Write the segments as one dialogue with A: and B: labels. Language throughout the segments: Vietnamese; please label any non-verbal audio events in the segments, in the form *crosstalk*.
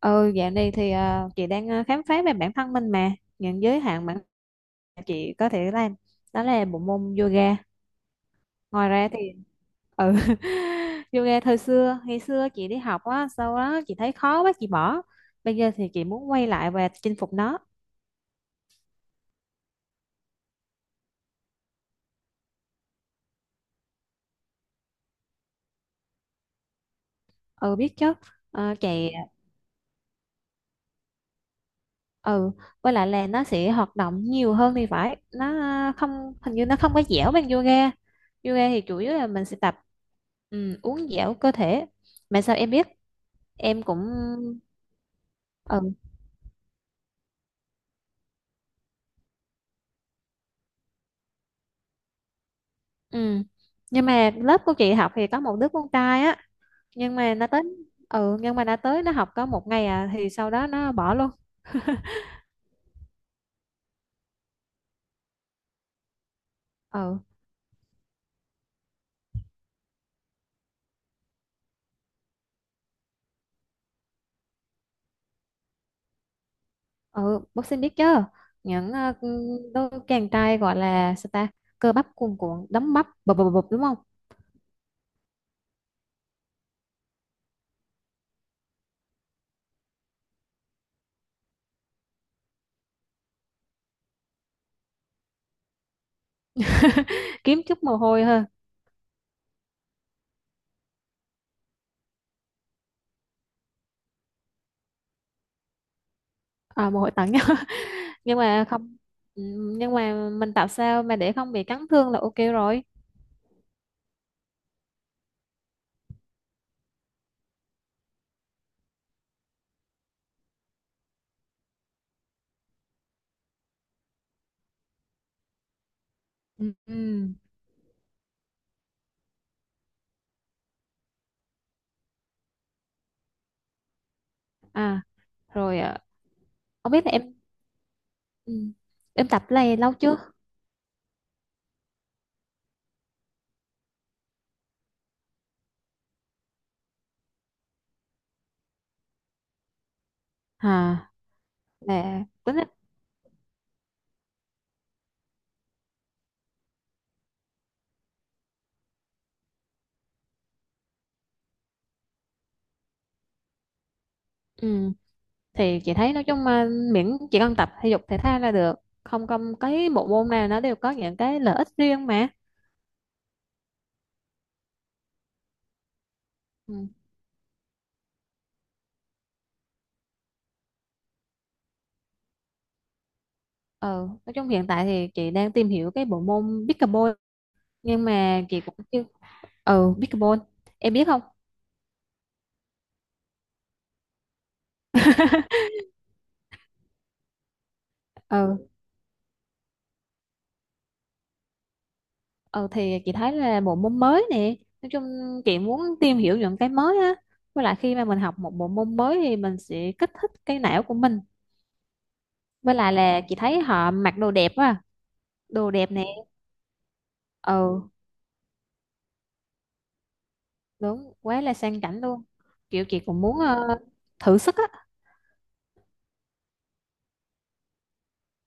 A: Ừ, dạo này thì chị đang khám phá về bản thân mình, mà những giới hạn bản thân chị có thể làm đó là bộ môn yoga. Ngoài ra thì ừ *laughs* yoga thời xưa, ngày xưa chị đi học á, sau đó chị thấy khó quá chị bỏ. Bây giờ thì chị muốn quay lại và chinh phục nó. Ừ, biết chứ. Ờ, chạy à, ừ, với lại là nó sẽ hoạt động nhiều hơn thì phải. Nó không, hình như nó không có dẻo bằng yoga. Yoga thì chủ yếu là mình sẽ tập uốn dẻo cơ thể. Mà sao em biết? Em cũng, ừ. Ừ, nhưng mà lớp của chị học thì có một đứa con trai á, nhưng mà nó tới. Ừ, nhưng mà nó tới nó học có một ngày à, thì sau đó nó bỏ luôn. Ừ. ừ bác sĩ biết chứ. Những đôi chàng trai gọi là sao ta, cơ bắp cuồn cuộn, đấm bắp bập bập bập, đúng không? *laughs* Kiếm chút mồ hôi thôi. À, mồ hôi tặng nhau. *laughs* Nhưng mà không, ừ, nhưng mà mình tạo sao mà để không bị cắn thương là ok rồi. Ừ. Ừ. À, rồi à, không biết là em, ừ, em tập cái này lâu chưa? À, là tính á, ừ, thì chị thấy nói chung mà miễn chị cần tập thể dục thể thao là được. Không, không cái bộ môn nào nó đều có những cái lợi ích riêng mà. Ừ. ờ nói chung hiện tại thì chị đang tìm hiểu cái bộ môn pickleball, nhưng mà chị cũng chưa, ừ, pickleball em biết không? *laughs* Ừ. ừ thì chị thấy là bộ môn mới nè, nói chung chị muốn tìm hiểu những cái mới á, với lại khi mà mình học một bộ môn mới thì mình sẽ kích thích cái não của mình. Với lại là chị thấy họ mặc đồ đẹp á, đồ đẹp nè. Ừ, đúng, quá là sang chảnh luôn. Kiểu chị cũng muốn thử sức á.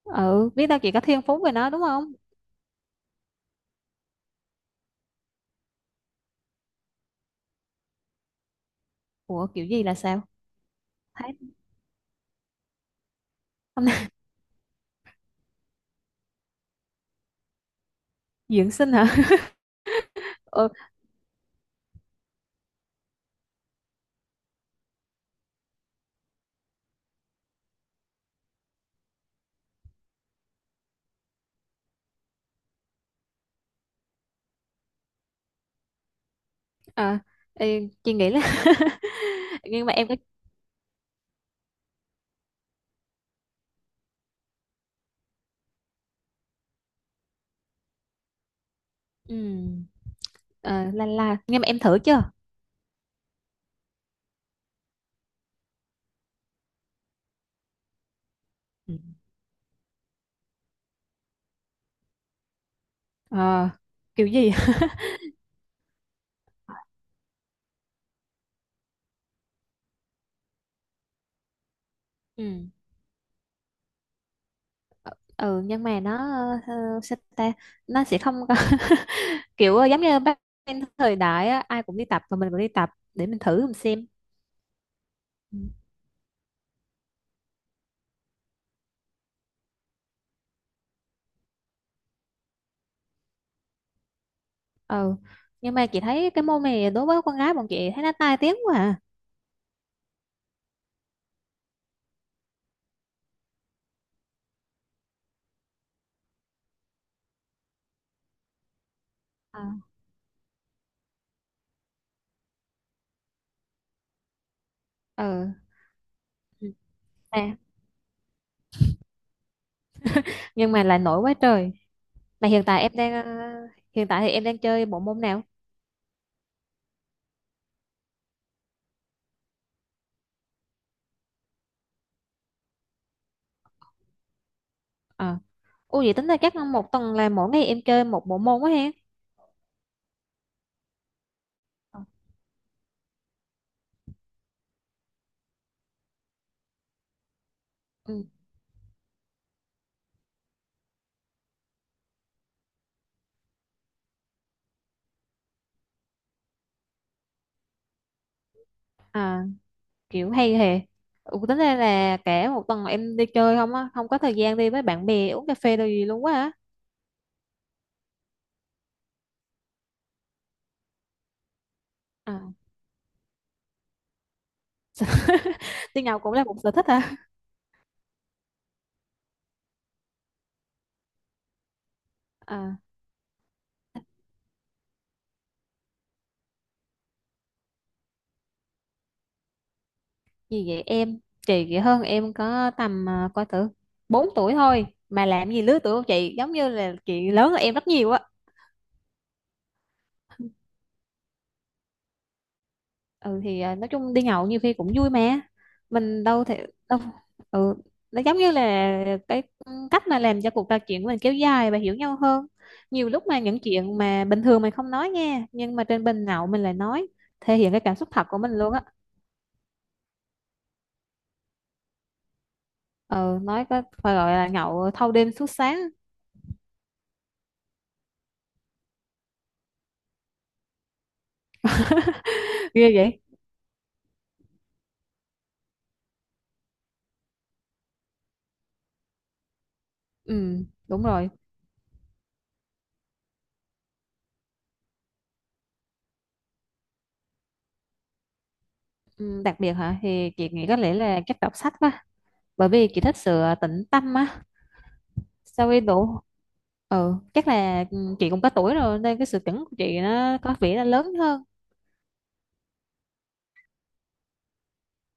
A: Ừ, biết đâu chị có thiên phú về nó đúng không? Ủa, kiểu gì là sao? Thấy hôm nay *laughs* dưỡng sinh hả? Ừ, à, ê, chị nghĩ là *laughs* nhưng mà em có, ừ. Ờ, la la, nhưng mà em thử chưa? Ừ. Ờ, kiểu gì *laughs* ừ, ừ nhưng mà nó, ờ, sao ta, nó sẽ không có *laughs* kiểu giống như bác em, thời đại á, ai cũng đi tập và mình cũng đi tập để mình thử mình xem. Ừ. Ừ, nhưng mà chị thấy cái môn này đối với con gái bọn chị thấy nó tai tiếng quá à. Ờ. Ừ. Ừ. À, nhưng mà lại nổi quá trời. Mà hiện tại em đang hiện tại thì em đang chơi bộ môn nào? Ờ. Ủa, vậy tính ra chắc một tuần là mỗi ngày em chơi một bộ môn quá ha? Ừ. À, kiểu hay hề. Ừ, tính ra là cả một tuần em đi chơi không á, không có thời gian đi với bạn bè uống cà phê đâu gì luôn quá á. À. *laughs* Đi nhậu cũng là một sở thích hả? À, gì vậy em? Chị vậy hơn em có tầm, à, coi thử, 4 tuổi thôi mà, làm gì lứa tuổi của chị giống như là chị lớn hơn em rất nhiều á. Ừ, thì à, nói chung đi nhậu nhiều khi cũng vui mà. Mình đâu thể đâu, ừ, nó giống như là cái cách mà làm cho cuộc trò chuyện của mình kéo dài và hiểu nhau hơn. Nhiều lúc mà những chuyện mà bình thường mình không nói nha, nhưng mà trên bình nhậu mình lại nói, thể hiện cái cảm xúc thật của mình luôn á. Ừ, nói có phải gọi là nhậu thâu đêm suốt sáng? *laughs* Ghê vậy. Ừ, đúng rồi. Ừ, đặc biệt hả, thì chị nghĩ có lẽ là chắc đọc sách quá, bởi vì chị thích sự tĩnh tâm á. Sau khi đủ, ừ, chắc là, ừ, chị cũng có tuổi rồi nên cái sự chuẩn của chị nó có vẻ là lớn hơn.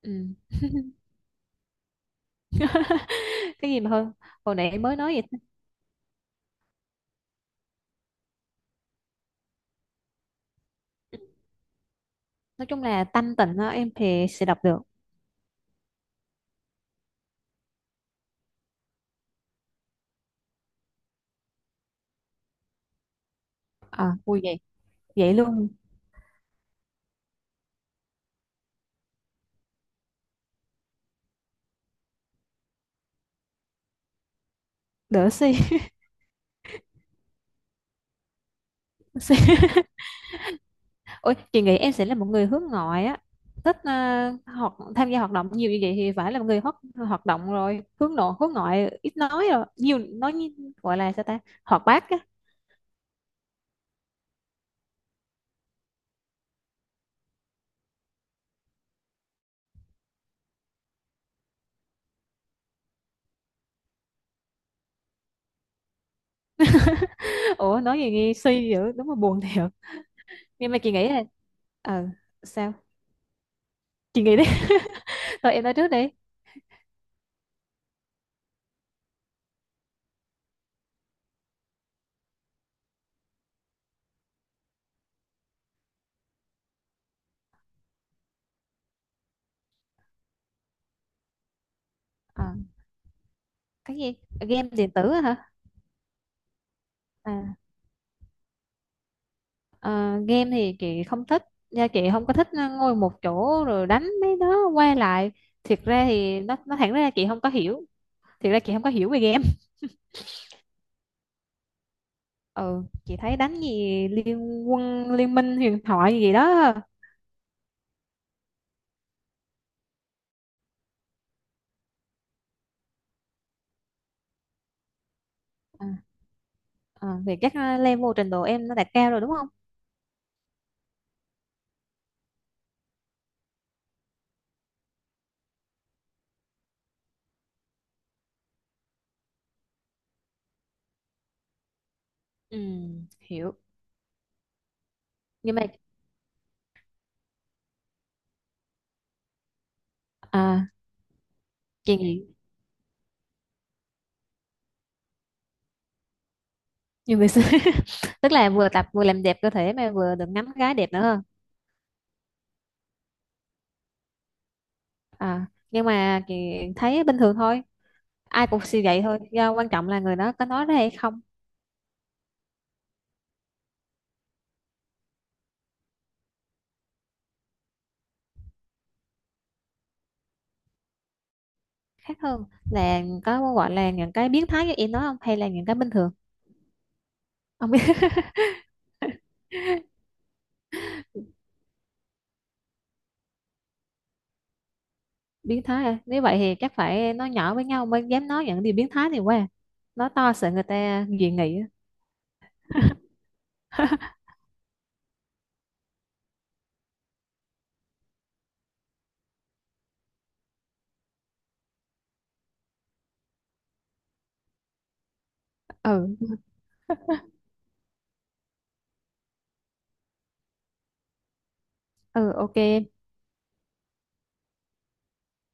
A: Ừ. Cái gì mà hơn, hồi nãy em mới nói vậy ta. Nói chung là tâm tình đó, em thì sẽ đọc được. À, vui vậy. Vậy luôn. Đỡ suy. Suy. *laughs* Ôi, chị nghĩ em sẽ là một người hướng ngoại á, thích hoạt tham gia hoạt động nhiều như vậy thì phải là một người hoạt hoạt động rồi, hướng nội hướng ngoại, ít nói rồi nhiều nói như- gọi là sao ta, hoạt bát á. *laughs* Ủa, nói gì nghe suy dữ, đúng là buồn thiệt. Nhưng mà chị nghĩ là, ờ, sao, chị nghĩ đi. *laughs* Rồi em nói trước đi. Ờ, cái gì, game điện tử á hả? À, ờ, game thì chị không thích, nha chị không có thích ngồi một chỗ rồi đánh mấy đó qua lại. Thiệt ra thì nó, thẳng ra chị không có hiểu, thiệt ra chị không có hiểu về game. Ừ, chị thấy đánh gì liên quân, liên minh huyền thoại gì đó. À. À, thì chắc level trình độ em nó đạt cao rồi đúng không? Ừ. Hiểu. Nhưng mà, à, chị nghĩ nhiều người xưa *laughs* tức là vừa tập vừa làm đẹp cơ thể mà vừa được ngắm gái đẹp nữa hơn. À, nhưng mà chị thấy bình thường thôi, ai cũng suy vậy thôi, do quan trọng là người đó có nói ra hay không. Khác hơn là có gọi là những cái biến thái như em nói không, hay là những cái bình thường? Không biết. *laughs* Biến thái à? Nếu vậy thì chắc phải nói nhỏ với nhau mới dám nói những điều biến thái này qua, nói to sợ người ta dị nghị á. *laughs* Ừ. Ừ, ok.